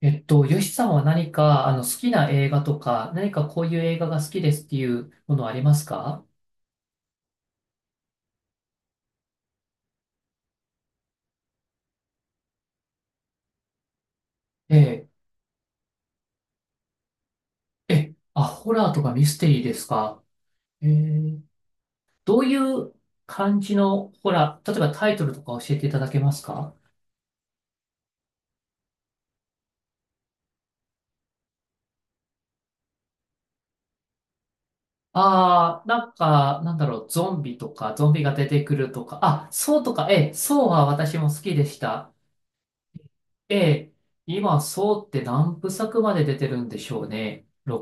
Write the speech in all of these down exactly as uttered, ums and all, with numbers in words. えっと、ヨシさんは何か、あの、好きな映画とか、何かこういう映画が好きですっていうものありますか？ええ、え、あ、ホラーとかミステリーですか？ええ、どういう感じのホラー、例えばタイトルとか教えていただけますか？ああー、なんか、なんだろう、ゾンビとか、ゾンビが出てくるとか、あ、そうとか、ええ、そうは私も好きでした。ええ、今、そうって何部作まで出てるんでしょうね。の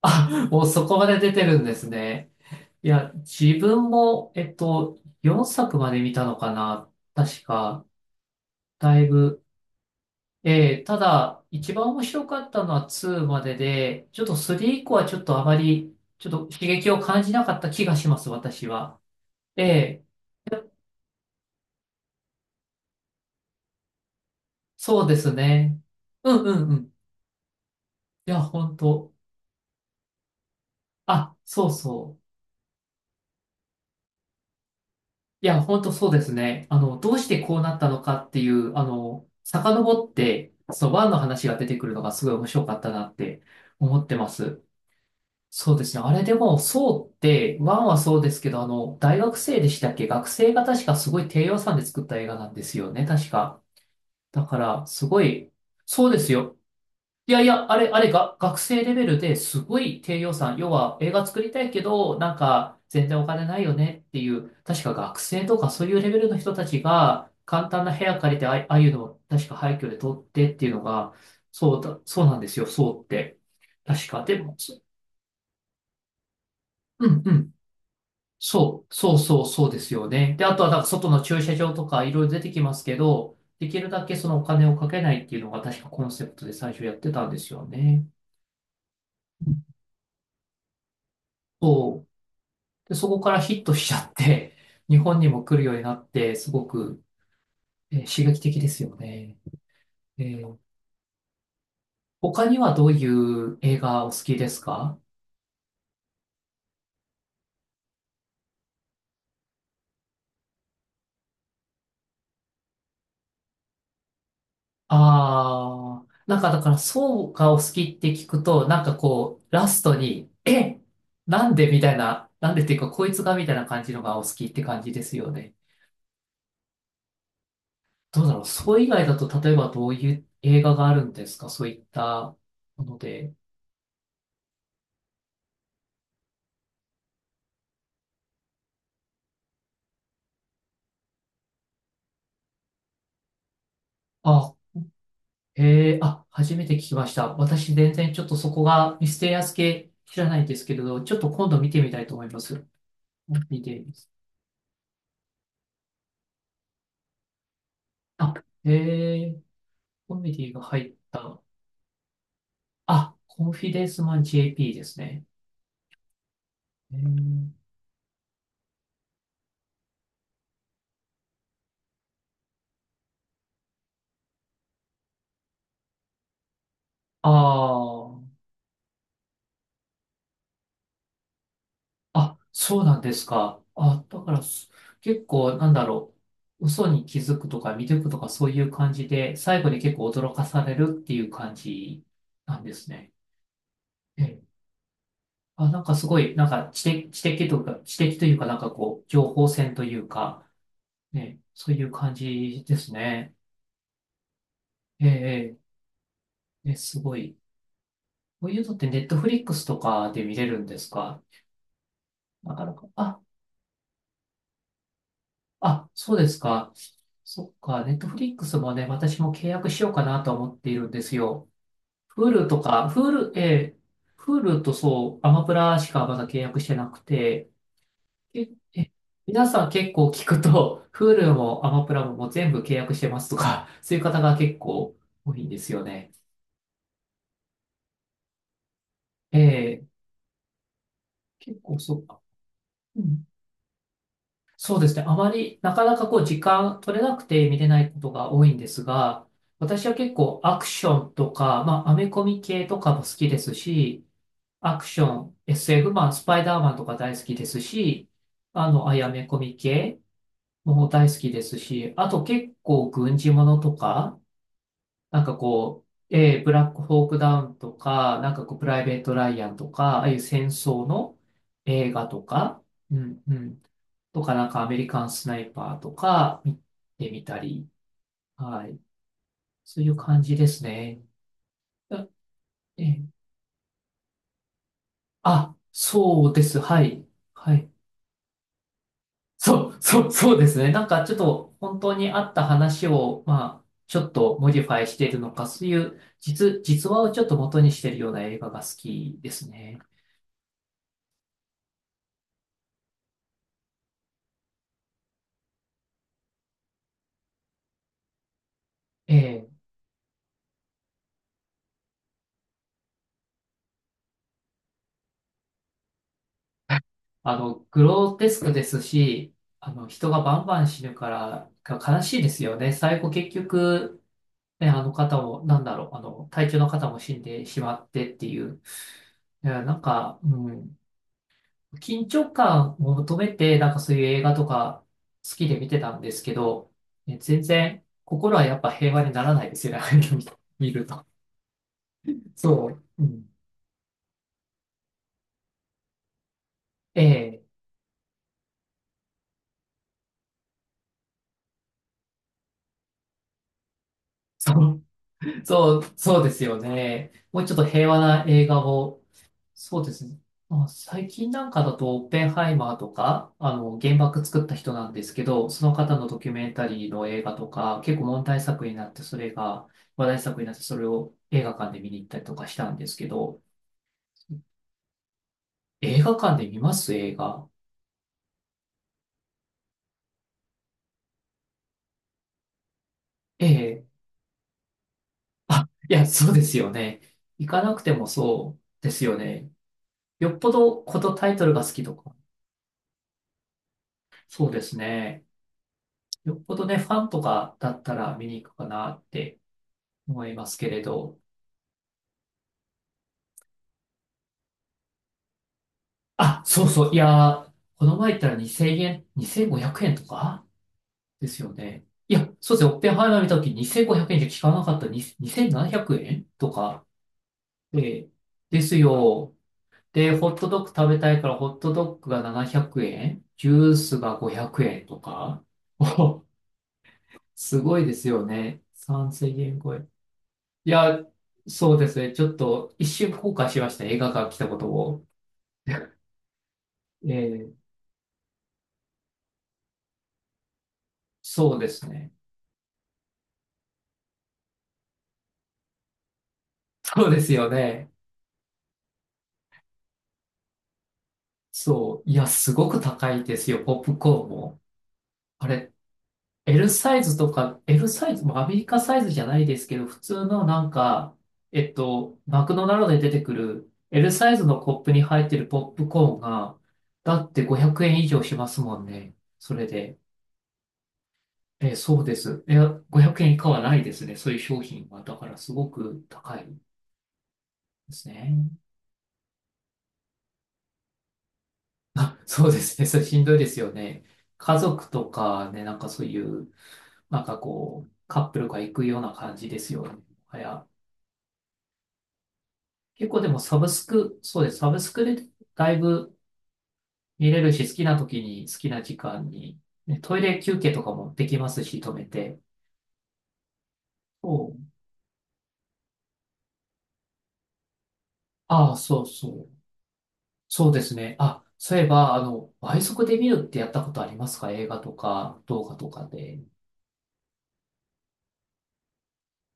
あ、もうそこまで出てるんですね。いや、自分も、えっと、よんさくまで見たのかな確か、だいぶ。ええ、ただ、一番面白かったのはツーまでで、ちょっとスリー以降はちょっとあまり、ちょっと刺激を感じなかった気がします、私は。ええ、そうですね。うんうんうん。いや、本当。あ、そうそう。いや、本当そうですね。あの、どうしてこうなったのかっていう、あの、遡って、そのワンの話が出てくるのがすごい面白かったなって思ってます。そうですね。あれでも、そうって、ワンはそうですけど、あの、大学生でしたっけ、学生が確かすごい低予算で作った映画なんですよね、確か。だから、すごい、そうですよ。いやいや、あれ、あれが、学生レベルですごい低予算。要は映画作りたいけど、なんか全然お金ないよねっていう、確か学生とかそういうレベルの人たちが簡単な部屋借りて、あああいうのを確か廃墟で撮ってっていうのが、そうだ、そうなんですよ、そうって。確か。でも、そうんうん。そう、そうそう、そうですよね。で、あとはなんか外の駐車場とかいろいろ出てきますけど、できるだけそのお金をかけないっていうのが確かコンセプトで最初やってたんですよね。そうで、そこからヒットしちゃって、日本にも来るようになって、すごく、えー刺激的ですよね。えー他にはどういう映画お好きですか？ああー、なんかだからそうがお好きって聞くと、なんかこう、ラストに、え、なんでみたいな、なんでっていうか、こいつがみたいな感じのがお好きって感じですよね。どうだろう、そう以外だと、例えばどういう映画があるんですか、そういったもので。あえーあ、初めて聞きました。私、全然ちょっとそこがミステリアス系知らないんですけれど、ちょっと今度見てみたいと思います。コンフィデあ、えー、コメディが入った。あ、コンフィデンスマン ジェーピー ですね。えー、あーあ、そうなんですか。あ、だから、す結構、なんだろう、嘘に気づくとか見抜くとかそういう感じで、最後に結構驚かされるっていう感じなんですね。あ、なんかすごい、なんか知的、知的というか、知的というか、なんかこう、情報戦というか、ね、そういう感じですね。ええ、ええ、え、すごい。こういうのってネットフリックスとかで見れるんですか？なかなか。あ、あ、そうですか。そっか、ネットフリックスもね、私も契約しようかなと思っているんですよ。Hulu とか、Hulu、ええ、Hulu とそう、アマプラしかまだ契約してなくて、え、え、皆さん結構聞くと、Hulu もアマプラも全部契約してますとか、そういう方が結構多いんですよね。ええ、結構そうか。うん。そうですね。あまり、なかなかこう、時間取れなくて見れないことが多いんですが、私は結構アクションとか、まあ、アメコミ系とかも好きですし、アクション、エスエフ、まあ、スパイダーマンとか大好きですし、あの、あやめコミ系も大好きですし、あと結構軍事ものとか、なんかこう、えーブラックホークダウンとか、なんかこう、プライベート・ライアンとか、ああいう戦争の映画とか、うん、うん、とか、なんかアメリカンスナイパーとか、見てみたり、はい。そういう感じですね。あえーあ、そうです。はい。はい。そう、そう、そうですね。なんかちょっと本当にあった話を、まあ、ちょっとモディファイしているのか、そういう実、実話をちょっと元にしているような映画が好きですね。ええ、あの、グロテスクですし、あの、人がバンバン死ぬから、が悲しいですよね。最後結局、ね、あの方も、なんだろう、あの、体調の方も死んでしまってっていう。いや、なんか、うん、緊張感を求めて、なんかそういう映画とか好きで見てたんですけど、ね、全然心はやっぱ平和にならないですよね、ああいうの見見ると。そう、うん、ええ、そう、そう、そうですよね。もうちょっと平和な映画を。そうですね。まあ、最近なんかだと、オッペンハイマーとか、あの、原爆作った人なんですけど、その方のドキュメンタリーの映画とか、結構問題作になって、それが話題作になって、それを映画館で見に行ったりとかしたんですけど、映画館で見ます映画？ええ。あ、いや、そうですよね。行かなくてもそうですよね。よっぽどこのタイトルが好きとか。そうですね。よっぽどね、ファンとかだったら見に行くかなって思いますけれど。あ、そうそう。いやー、この前言ったらに ぜろえん、にせんごひゃくえんとかですよね。いや、そうですね。オッペンハイマー見たときにせんごひゃくえんじゃ効かなかったににせんななひゃくえんとかで、ですよ。で、ホットドッグ食べたいからホットドッグがななひゃくえん、ジュースがごひゃくえんとか。お、すごいですよね。さんぜんえん超え。いや、そうですね。ちょっと一瞬後悔しました。映画館来たことを。えーそうですね。そうですよね。そう、いや、すごく高いですよ、ポップコーンも。あれ、L サイズとか、L サイズ、まあアメリカサイズじゃないですけど、普通のなんか、えっと、マクドナルドで出てくる L サイズのコップに入ってるポップコーンが、だってごひゃくえん以上しますもんね。それで。え、そうです。いや、ごひゃくえん以下はないですね。そういう商品は。だからすごく高いですね。あ、そうですね。それしんどいですよね。家族とかね、なんかそういう、なんかこう、カップルが行くような感じですよね。いや、結構でもサブスク、そうです。サブスクでだいぶ見れるし、好きな時に好きな時間に、ね、トイレ休憩とかもできますし、止めて。そう。ああ、そうそう。そうですね。あ、そういえば、あの、倍速で見るってやったことありますか？映画とか、動画とかで。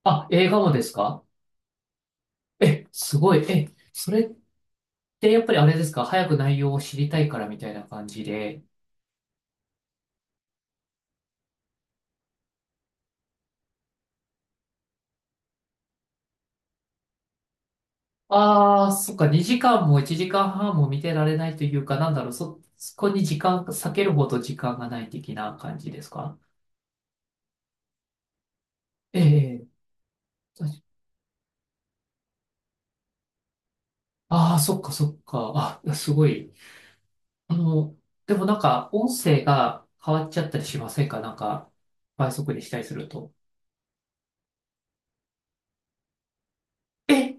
あ、映画もですか？え、すごい。え、それってやっぱりあれですか？早く内容を知りたいからみたいな感じで。ああ、そっか、にじかんもいちじかんはんも見てられないというか、なんだろう、そ、そこに時間、避けるほど時間がない的な感じですか？ええ、ああー、そっか、そっか、あ、すごい。あの、でもなんか、音声が変わっちゃったりしませんか？なんか、倍速にしたりすると。え、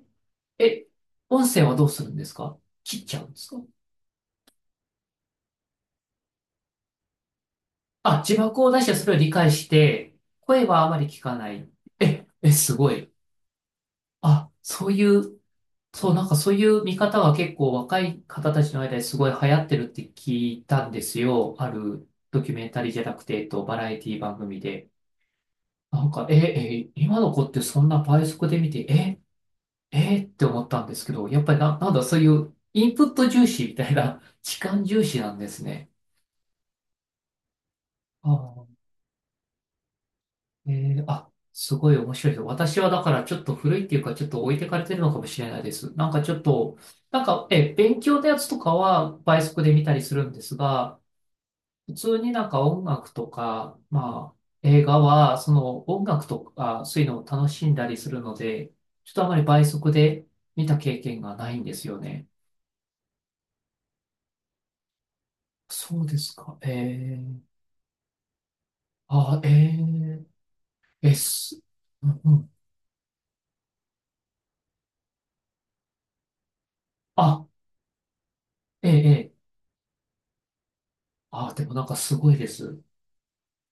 え、音声はどうするんですか？切っちゃうんですか？あ、字幕を出してそれを理解して、声はあまり聞かない。え、え、すごい。あ、そういう、そう、なんかそういう見方が結構若い方たちの間ですごい流行ってるって聞いたんですよ。あるドキュメンタリーじゃなくて、えっと、バラエティ番組で。なんか、え、え、今の子ってそんな倍速で見て、え、えって思ったんですけど、やっぱりな、なんだそういうインプット重視みたいな、時間重視なんですね。ああ、えー、あ、すごい面白いです。私はだからちょっと古いっていうか、ちょっと置いてかれてるのかもしれないです。なんかちょっと、なんか、え、勉強のやつとかは倍速で見たりするんですが、普通になんか音楽とか、まあ、映画は、その音楽とか、そういうのを楽しんだりするので、ちょっとあまり倍速で見た経験がないんですよね。そうですか。ええ、あ、えええ、す、うんうん、あ、ええええ、あ、でもなんかすごいです。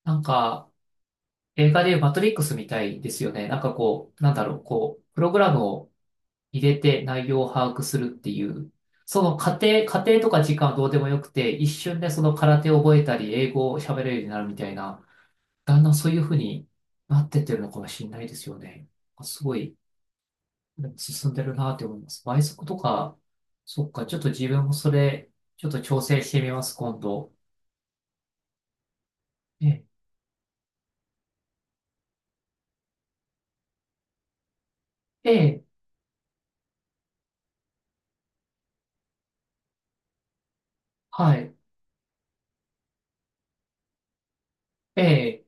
なんか、映画でいうマトリックスみたいですよね。なんかこう、なんだろう、こう、プログラムを入れて内容を把握するっていう、その過程、過程とか時間はどうでもよくて、一瞬でその空手を覚えたり、英語を喋れるようになるみたいな、だんだんそういうふうになってってるのかもしれないですよね。すごい進んでるなって思います。倍速とか、そっか、ちょっと自分もそれ、ちょっと調整してみます、今度。え、え、はい、え、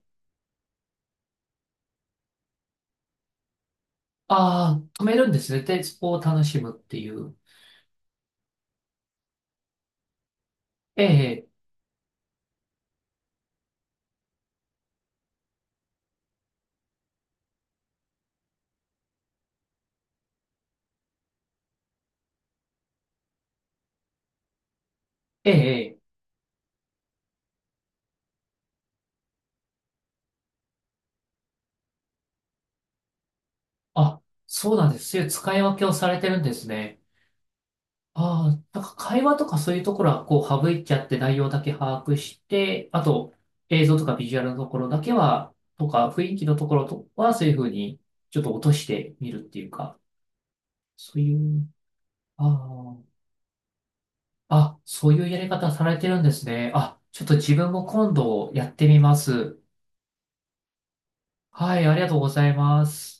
ああ、止めるんですね。で、スポーを楽しむっていう。ええ、ええ、あ、そうなんです。そういう使い分けをされてるんですね。ああ、なんか会話とかそういうところはこう省いちゃって内容だけ把握して、あと映像とかビジュアルのところだけは、とか雰囲気のところとはそういうふうにちょっと落としてみるっていうか、そういう、ああ、あ、そういうやり方されてるんですね。あ、ちょっと自分も今度やってみます。はい、ありがとうございます。